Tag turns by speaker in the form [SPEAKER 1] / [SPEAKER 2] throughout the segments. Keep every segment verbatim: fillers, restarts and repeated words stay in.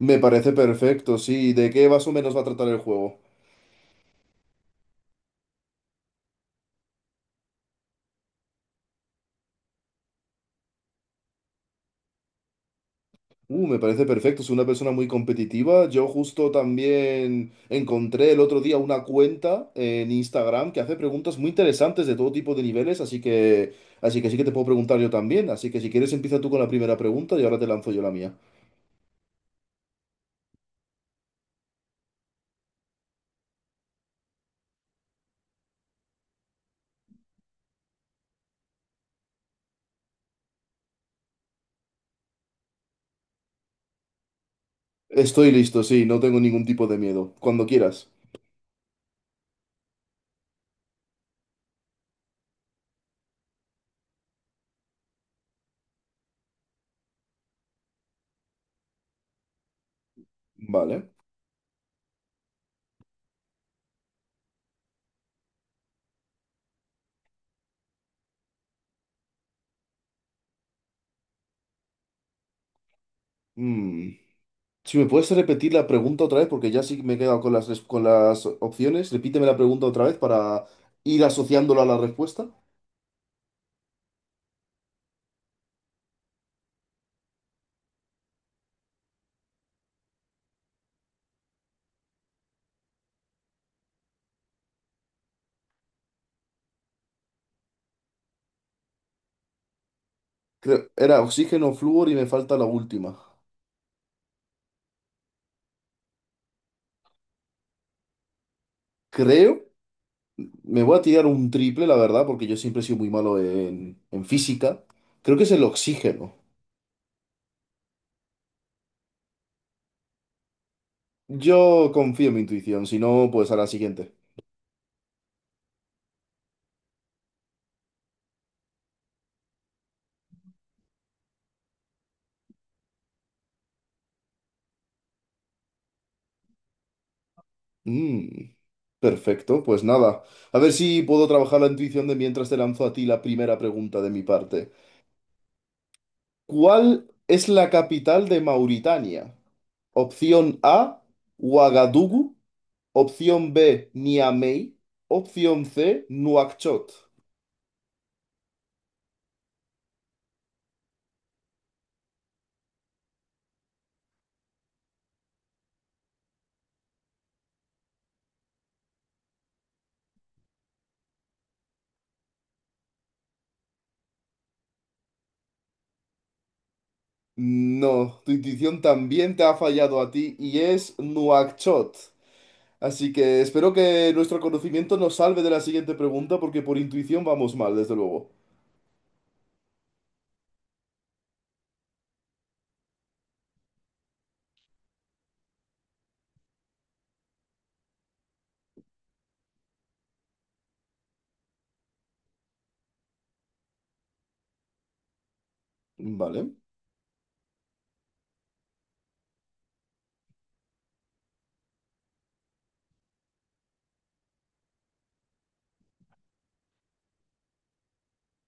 [SPEAKER 1] Me parece perfecto, sí. ¿De qué más o menos va a tratar el juego? Uh, me parece perfecto. Soy una persona muy competitiva. Yo justo también encontré el otro día una cuenta en Instagram que hace preguntas muy interesantes de todo tipo de niveles, así que, así que sí que te puedo preguntar yo también. Así que si quieres empieza tú con la primera pregunta y ahora te lanzo yo la mía. Estoy listo, sí. No tengo ningún tipo de miedo. Cuando quieras. Vale. Mm. Si me puedes repetir la pregunta otra vez, porque ya sí me he quedado con las, res- con las opciones. Repíteme la pregunta otra vez para ir asociándola a la respuesta. Creo, era oxígeno, flúor y me falta la última. Creo, me voy a tirar un triple, la verdad, porque yo siempre he sido muy malo en, en física. Creo que es el oxígeno. Yo confío en mi intuición, si no, pues a la siguiente. Mm, perfecto, pues nada. A ver si puedo trabajar la intuición de mientras te lanzo a ti la primera pregunta de mi parte. ¿Cuál es la capital de Mauritania? Opción A, Ouagadougou. Opción B, Niamey. Opción C, Nuakchot. No, tu intuición también te ha fallado a ti y es Nuakchot. Así que espero que nuestro conocimiento nos salve de la siguiente pregunta porque por intuición vamos mal, desde luego. Vale.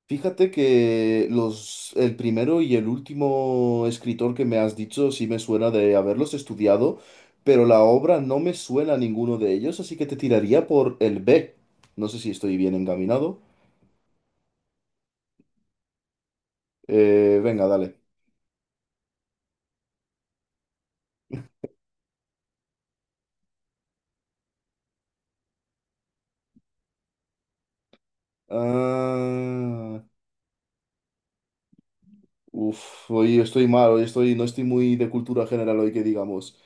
[SPEAKER 1] Fíjate que los, el primero y el último escritor que me has dicho sí me suena de haberlos estudiado, pero la obra no me suena a ninguno de ellos, así que te tiraría por el B. No sé si estoy bien encaminado. Eh, venga, dale. Ah, uf, hoy estoy mal, hoy estoy, no estoy muy de cultura general hoy que digamos.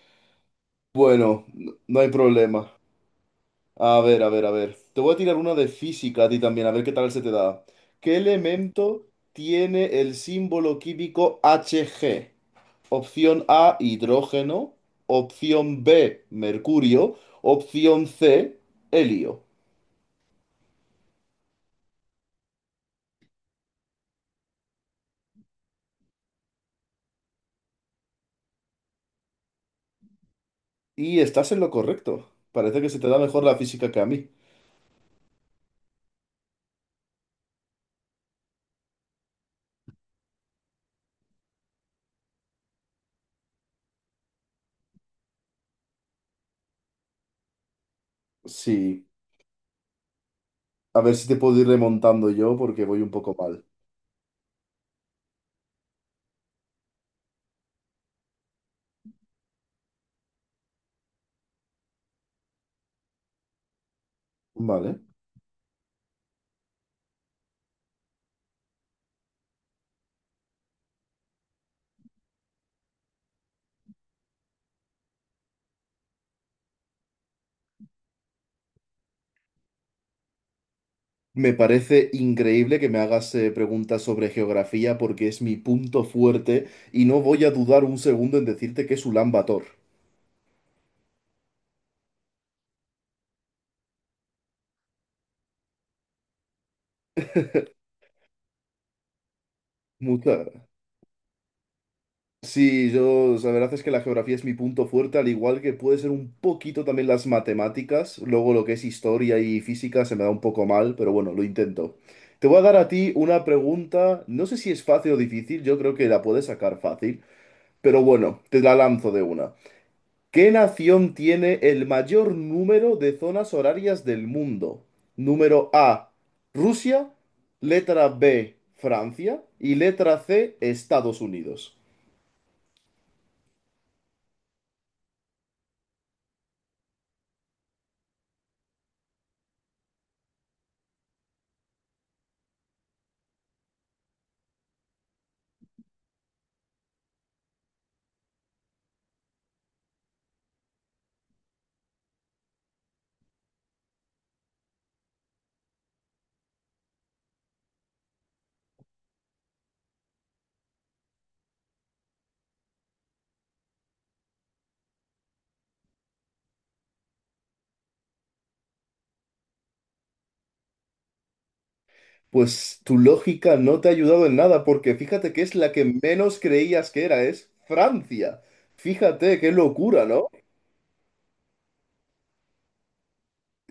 [SPEAKER 1] Bueno, n- no hay problema. A ver, a ver, a ver. Te voy a tirar una de física a ti también, a ver qué tal se te da. ¿Qué elemento tiene el símbolo químico Hg? Opción A, hidrógeno. Opción B, mercurio. Opción C, helio. Y estás en lo correcto. Parece que se te da mejor la física que a mí. Sí. A ver si te puedo ir remontando yo porque voy un poco mal. Vale. Me parece increíble que me hagas eh, preguntas sobre geografía porque es mi punto fuerte y no voy a dudar un segundo en decirte que es Ulan Bator. Mucha- Sí, yo, la verdad es que la geografía es mi punto fuerte, al igual que puede ser un poquito también las matemáticas. Luego lo que es historia y física se me da un poco mal, pero bueno, lo intento. Te voy a dar a ti una pregunta, no sé si es fácil o difícil, yo creo que la puedes sacar fácil, pero bueno, te la lanzo de una. ¿Qué nación tiene el mayor número de zonas horarias del mundo? Número A, Rusia, letra B, Francia y letra C, Estados Unidos. Pues tu lógica no te ha ayudado en nada porque fíjate que es la que menos creías que era, es Francia. Fíjate, qué locura, ¿no?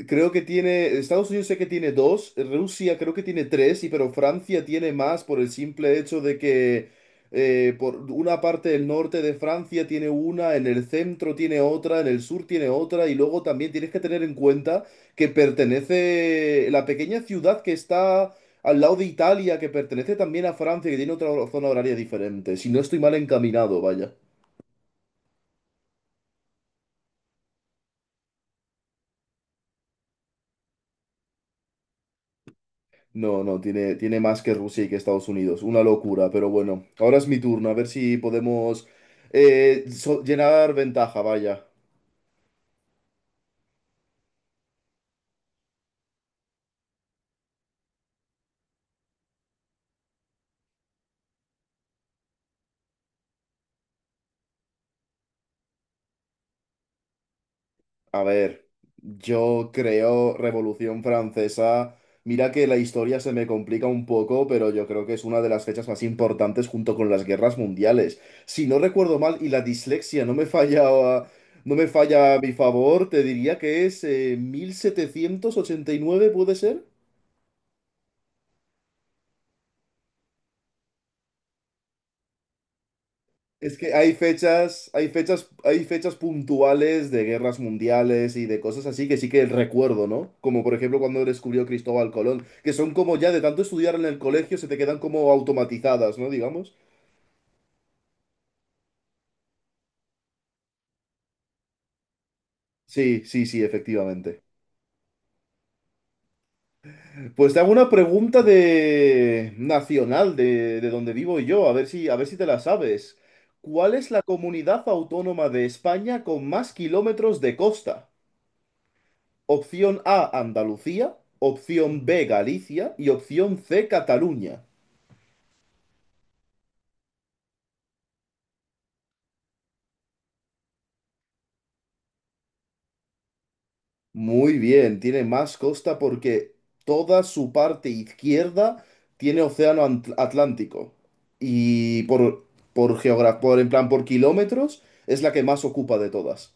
[SPEAKER 1] Creo que tiene, Estados Unidos sé que tiene dos, Rusia creo que tiene tres, y pero Francia tiene más por el simple hecho de que eh, por una parte del norte de Francia tiene una, en el centro tiene otra, en el sur tiene otra, y luego también tienes que tener en cuenta que pertenece la pequeña ciudad que está al lado de Italia, que pertenece también a Francia, que tiene otra zona horaria diferente. Si no estoy mal encaminado, vaya. No, no, tiene, tiene más que Rusia y que Estados Unidos. Una locura, pero bueno. Ahora es mi turno, a ver si podemos eh, so- llenar ventaja, vaya. A ver, yo creo Revolución Francesa. Mira que la historia se me complica un poco, pero yo creo que es una de las fechas más importantes junto con las guerras mundiales. Si no recuerdo mal y la dislexia no me falla, no me falla a mi favor, te diría que es eh, mil setecientos ochenta y nueve, ¿puede ser? Es que hay fechas, hay fechas, hay fechas puntuales de guerras mundiales y de cosas así que sí que recuerdo, ¿no? Como por ejemplo cuando descubrió Cristóbal Colón, que son como ya de tanto estudiar en el colegio se te quedan como automatizadas, ¿no? Digamos. Sí, sí, sí, efectivamente. Pues te hago una pregunta de nacional de, de donde vivo yo, a ver si, a ver si te la sabes. ¿Cuál es la comunidad autónoma de España con más kilómetros de costa? Opción A, Andalucía. Opción B, Galicia. Y opción C, Cataluña. Muy bien, tiene más costa porque toda su parte izquierda tiene océano Ant- Atlántico. Y por, por geogra- por- en plan, por kilómetros, es la que más ocupa de todas.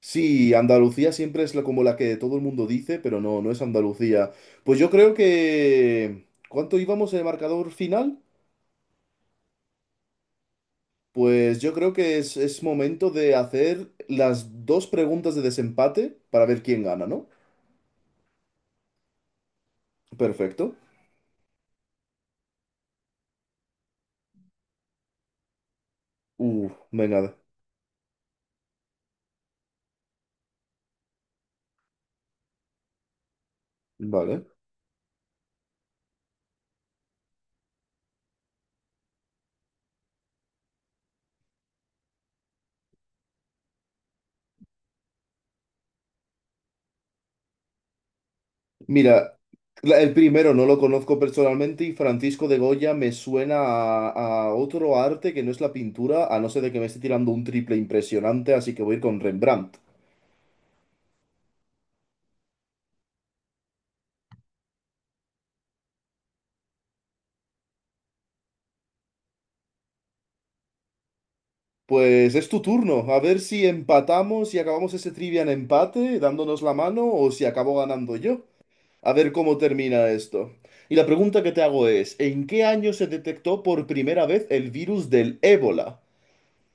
[SPEAKER 1] Sí, Andalucía siempre es la, como la que todo el mundo dice, pero no, no es Andalucía. Pues yo creo que... ¿Cuánto íbamos en el marcador final? Pues yo creo que es, es momento de hacer las dos preguntas de desempate para ver quién gana, ¿no? Perfecto. Uh, venga, vale. Mira, la- el primero no lo conozco personalmente y Francisco de Goya me suena a, a otro arte que no es la pintura, a no ser de que me esté tirando un triple impresionante, así que voy a ir con Rembrandt. Pues es tu turno, a ver si empatamos y acabamos ese trivia en empate, dándonos la mano, o si acabo ganando yo. A ver cómo termina esto. Y la pregunta que te hago es, ¿en qué año se detectó por primera vez el virus del ébola?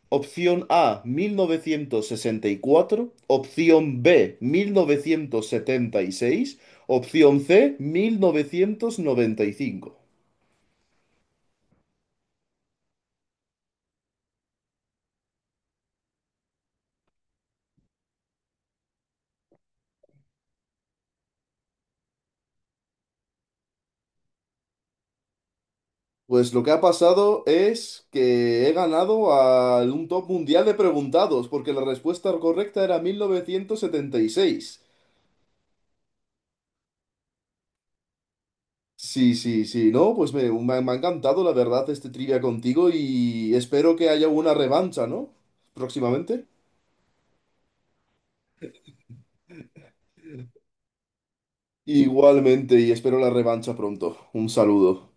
[SPEAKER 1] Opción A, mil novecientos sesenta y cuatro, opción B, mil novecientos setenta y seis, opción C, mil novecientos noventa y cinco. Pues lo que ha pasado es que he ganado a un top mundial de preguntados, porque la respuesta correcta era mil novecientos setenta y seis. Sí, sí, sí, no, pues me, me ha me ha encantado la verdad este trivia contigo y espero que haya una revancha, ¿no? Próximamente. Igualmente, y espero la revancha pronto. Un saludo.